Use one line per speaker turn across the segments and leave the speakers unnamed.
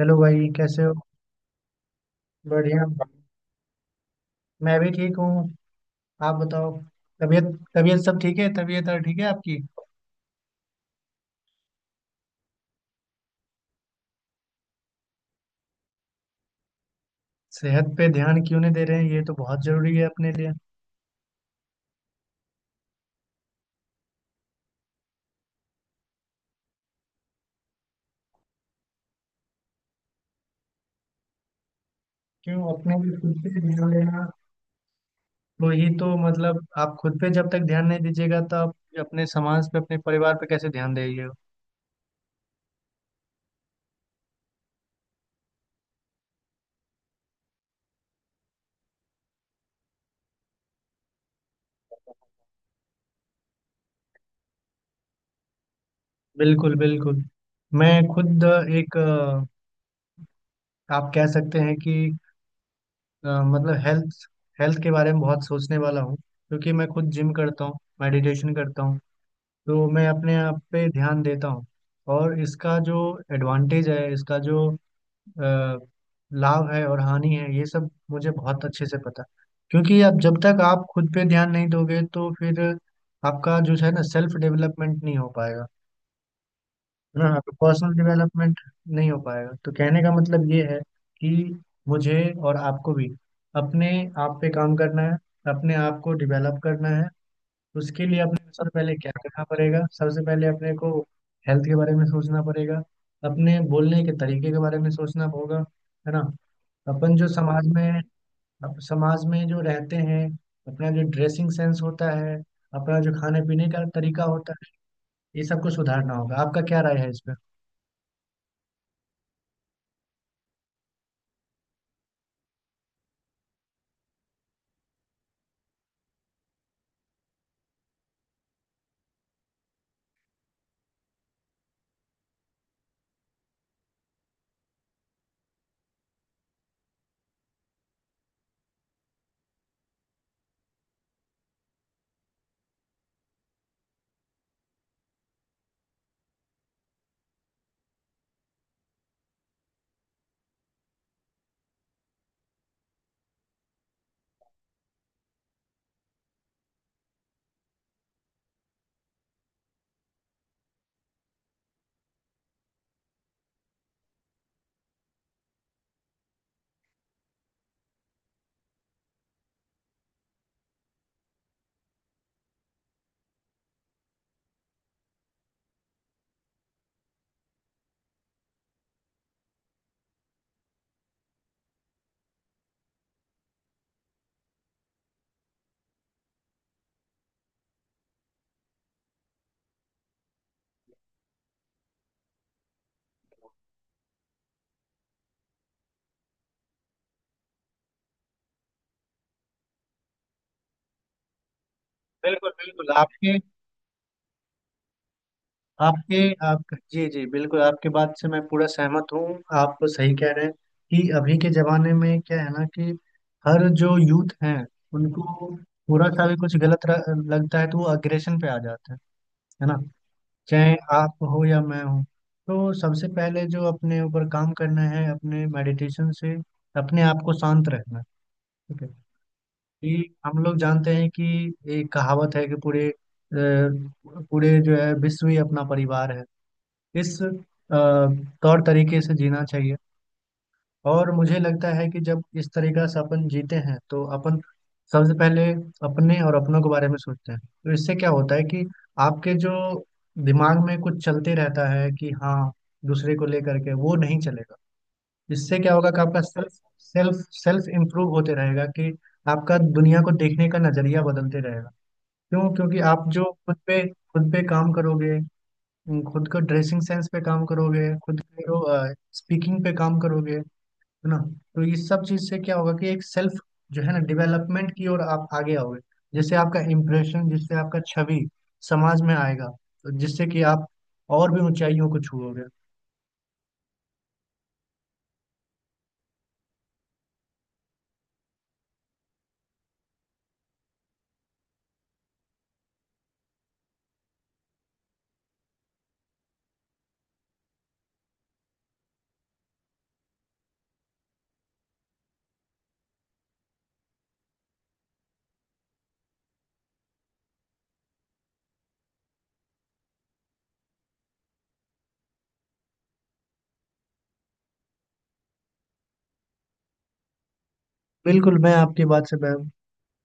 Hello भाई कैसे हो। बढ़िया, मैं भी ठीक हूँ। आप बताओ, तबीयत, तबीयत सब ठीक है? तबीयत और ठीक है आपकी? सेहत पे ध्यान क्यों नहीं दे रहे हैं? ये तो बहुत जरूरी है अपने लिए। क्यों अपने लिए खुद पे ध्यान देना तो ही तो, मतलब आप खुद पे जब तक ध्यान नहीं दीजिएगा तो आप अपने समाज पे अपने परिवार पे कैसे ध्यान देंगे? बिल्कुल बिल्कुल। मैं खुद एक आप कह सकते हैं कि मतलब हेल्थ, हेल्थ के बारे में बहुत सोचने वाला हूँ, क्योंकि मैं खुद जिम करता हूँ, मेडिटेशन करता हूँ। तो मैं अपने आप पे ध्यान देता हूँ। और इसका जो एडवांटेज है, इसका जो अ, लाभ है और हानि है, ये सब मुझे बहुत अच्छे से पता है। क्योंकि अब जब तक आप खुद पे ध्यान नहीं दोगे तो फिर आपका जो है ना, सेल्फ डेवलपमेंट नहीं हो पाएगा। है ना, आपका पर्सनल डेवलपमेंट नहीं हो पाएगा। तो कहने का मतलब ये है कि मुझे और आपको भी अपने आप पे काम करना है, अपने आप को डेवलप करना है। उसके लिए अपने को सबसे पहले क्या करना पड़ेगा? सबसे पहले अपने को हेल्थ के बारे में सोचना पड़ेगा, अपने बोलने के तरीके के बारे में सोचना होगा। है ना, अपन जो समाज में समाज में जो रहते हैं, अपना जो ड्रेसिंग सेंस होता है, अपना जो खाने पीने का तरीका होता है, ये सबको सुधारना होगा। आपका क्या राय है इस पर? बिल्कुल बिल्कुल। आपके आपके आप जी जी, बिल्कुल आपके बात से मैं पूरा सहमत हूँ। आप सही कह रहे हैं कि अभी के जमाने में क्या है ना कि हर जो यूथ हैं उनको थोड़ा सा भी कुछ लगता है तो वो अग्रेशन पे आ जाते हैं। है ना, चाहे आप हो या मैं हूँ। तो सबसे पहले जो अपने ऊपर काम करना है अपने मेडिटेशन से अपने आप को शांत रखना। ठीक है कि हम लोग जानते हैं कि एक कहावत है कि पूरे जो है विश्व ही अपना परिवार है। इस तौर तरीके से जीना चाहिए। और मुझे लगता है कि जब इस तरीका से अपन जीते हैं तो अपन सबसे पहले अपने और अपनों के बारे में सोचते हैं, तो इससे क्या होता है कि आपके जो दिमाग में कुछ चलते रहता है कि हाँ, दूसरे को लेकर के वो नहीं चलेगा। इससे क्या होगा कि आपका सेल्फ सेल्फ सेल्फ इम्प्रूव होते रहेगा, कि आपका दुनिया को देखने का नजरिया बदलते रहेगा। क्यों? क्योंकि आप जो खुद पे काम करोगे, तुम खुद को ड्रेसिंग सेंस पे काम करोगे, खुद को स्पीकिंग पे काम करोगे, है ना? तो इस सब चीज से क्या होगा कि एक सेल्फ जो है ना, डेवलपमेंट की ओर आप आगे आओगे। जैसे आपका इम्प्रेशन, जिससे आपका छवि समाज में आएगा, तो जिससे कि आप और भी ऊंचाइयों को छुओगे। बिल्कुल, मैं आपकी बात से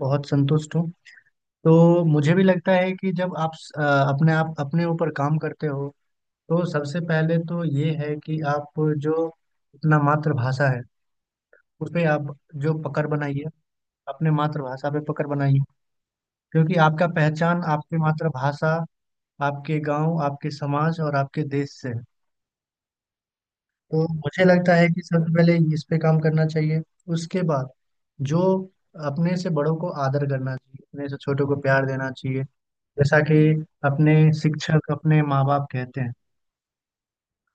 बहुत संतुष्ट हूँ। तो मुझे भी लगता है कि जब आप अपने आप अपने ऊपर काम करते हो, तो सबसे पहले तो ये है कि आप जो अपना मातृभाषा है उसपे आप जो पकड़ बनाइए, अपने मातृभाषा पे पकड़ बनाइए। क्योंकि आपका पहचान आपकी मातृभाषा, आपके गांव, आपके समाज और आपके देश से है। तो मुझे लगता है कि सबसे पहले इस पे काम करना चाहिए। उसके बाद जो अपने से बड़ों को आदर करना चाहिए, अपने से छोटों को प्यार देना चाहिए, जैसा कि अपने शिक्षक, अपने माँ बाप कहते हैं।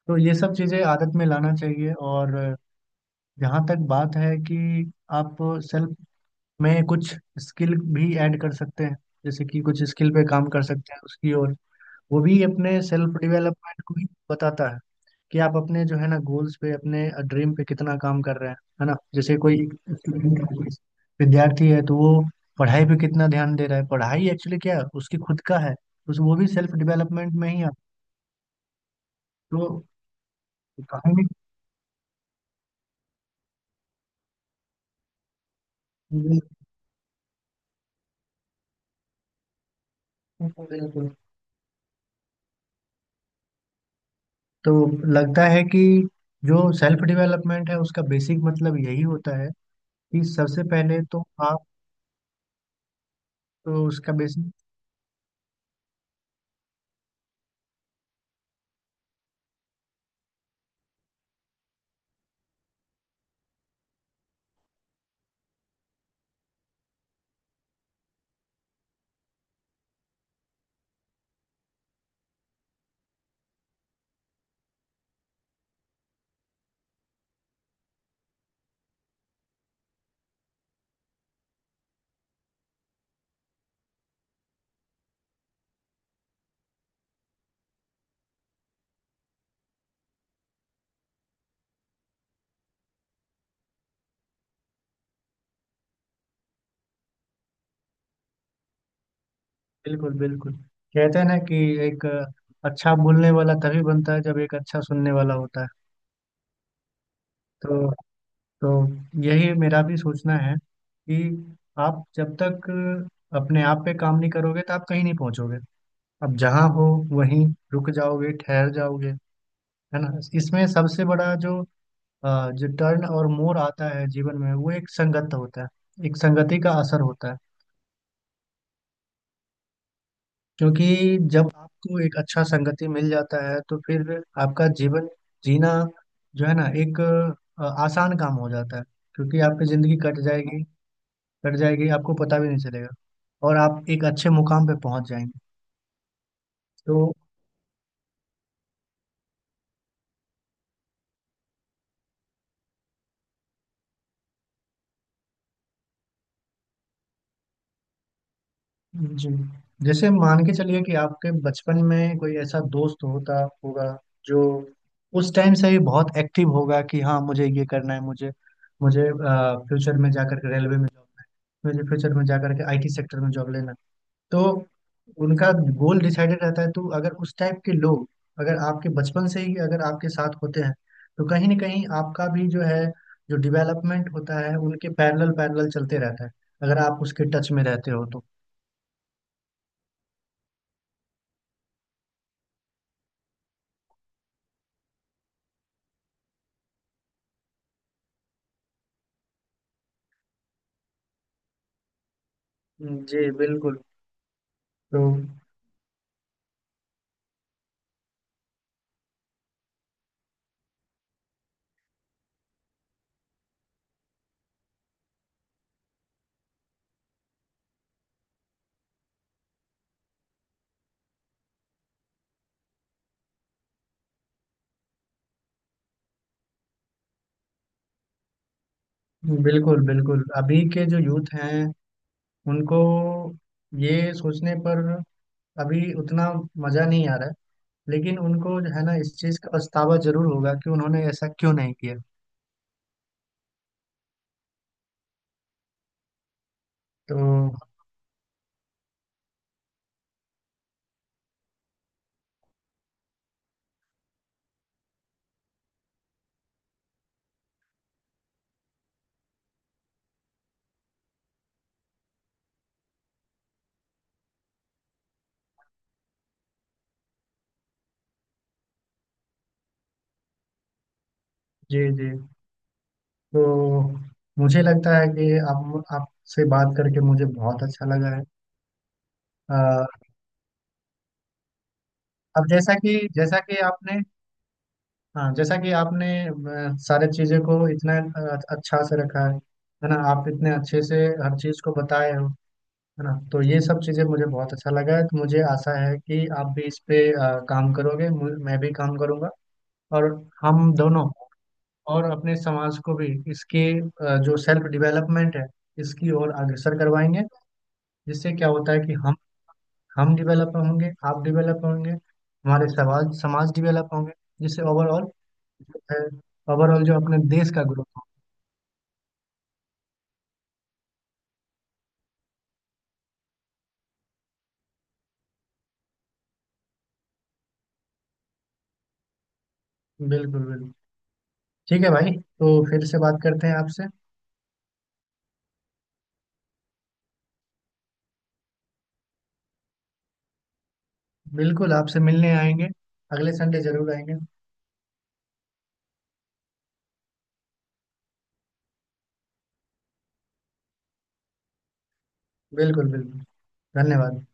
तो ये सब चीज़ें आदत में लाना चाहिए। और जहाँ तक बात है कि आप सेल्फ में कुछ स्किल भी ऐड कर सकते हैं, जैसे कि कुछ स्किल पे काम कर सकते हैं उसकी ओर, वो भी अपने सेल्फ डेवलपमेंट को ही बताता है कि आप अपने जो है ना, गोल्स पे, अपने ड्रीम पे कितना काम कर रहे हैं। है ना, जैसे कोई स्टूडेंट, विद्यार्थी है, तो वो पढ़ाई पे कितना ध्यान दे रहा है, पढ़ाई एक्चुअली क्या है, उसकी खुद का है, उस वो भी सेल्फ डेवलपमेंट में ही आता है। तो कहानी, तो लगता है कि जो सेल्फ डेवलपमेंट है उसका बेसिक मतलब यही होता है कि सबसे पहले तो आप, तो उसका बेसिक, बिल्कुल बिल्कुल। कहते हैं ना कि एक अच्छा बोलने वाला तभी बनता है जब एक अच्छा सुनने वाला होता है। तो तो यही मेरा भी सोचना है कि आप जब तक अपने आप पे काम नहीं करोगे तो आप कहीं नहीं पहुंचोगे। अब जहां हो वहीं रुक जाओगे, ठहर जाओगे। है ना, इसमें सबसे बड़ा जो जो टर्न और मोड़ आता है जीवन में, वो एक संगत होता है, एक संगति का असर होता है। क्योंकि जब आपको एक अच्छा संगति मिल जाता है तो फिर आपका जीवन जीना जो है ना, एक आसान काम हो जाता है। क्योंकि आपकी जिंदगी कट जाएगी, कट जाएगी, आपको पता भी नहीं चलेगा, और आप एक अच्छे मुकाम पे पहुंच जाएंगे। तो जी, जैसे मान के चलिए कि आपके बचपन में कोई ऐसा दोस्त होता होगा जो उस टाइम से ही बहुत एक्टिव होगा कि हाँ, मुझे ये करना है, मुझे मुझे फ्यूचर में जाकर के रेलवे में जॉब, मुझे फ्यूचर में जाकर के आईटी सेक्टर में जॉब लेना है। तो उनका गोल डिसाइडेड रहता है। तो अगर उस टाइप के लोग, अगर आपके बचपन से ही अगर आपके साथ होते हैं, तो कहीं ना कहीं आपका भी जो है, जो डेवलपमेंट होता है, उनके पैरेलल पैरेलल चलते रहता है, अगर आप उसके टच में रहते हो तो। जी बिल्कुल। तो बिल्कुल बिल्कुल, अभी के जो यूथ हैं उनको ये सोचने पर अभी उतना मजा नहीं आ रहा है, लेकिन उनको जो है ना, इस चीज का पछतावा जरूर होगा कि उन्होंने ऐसा क्यों नहीं किया। तो जी जी, तो मुझे लगता है कि आप आपसे बात करके मुझे बहुत अच्छा लगा है। अ, अब जैसा कि आपने, हाँ, जैसा कि आपने सारे चीज़ों को इतना अच्छा से रखा है ना, आप इतने अच्छे से हर चीज़ को बताए हो, है ना, तो ये सब चीज़ें मुझे बहुत अच्छा लगा है। तो मुझे आशा है कि आप भी इस पे काम करोगे, मैं भी काम करूँगा, और हम दोनों, और अपने समाज को भी इसके जो सेल्फ डेवलपमेंट है इसकी ओर अग्रसर करवाएंगे। जिससे क्या होता है कि हम डेवलप होंगे, आप डेवलप होंगे, हमारे समाज समाज डेवलप होंगे। जिससे ओवरऑल ओवरऑल जो अपने देश का ग्रोथ हो। बिल्कुल बिल्कुल। ठीक है भाई, तो फिर से बात करते हैं आपसे। बिल्कुल, आपसे मिलने आएंगे, अगले संडे जरूर आएंगे। बिल्कुल बिल्कुल, धन्यवाद।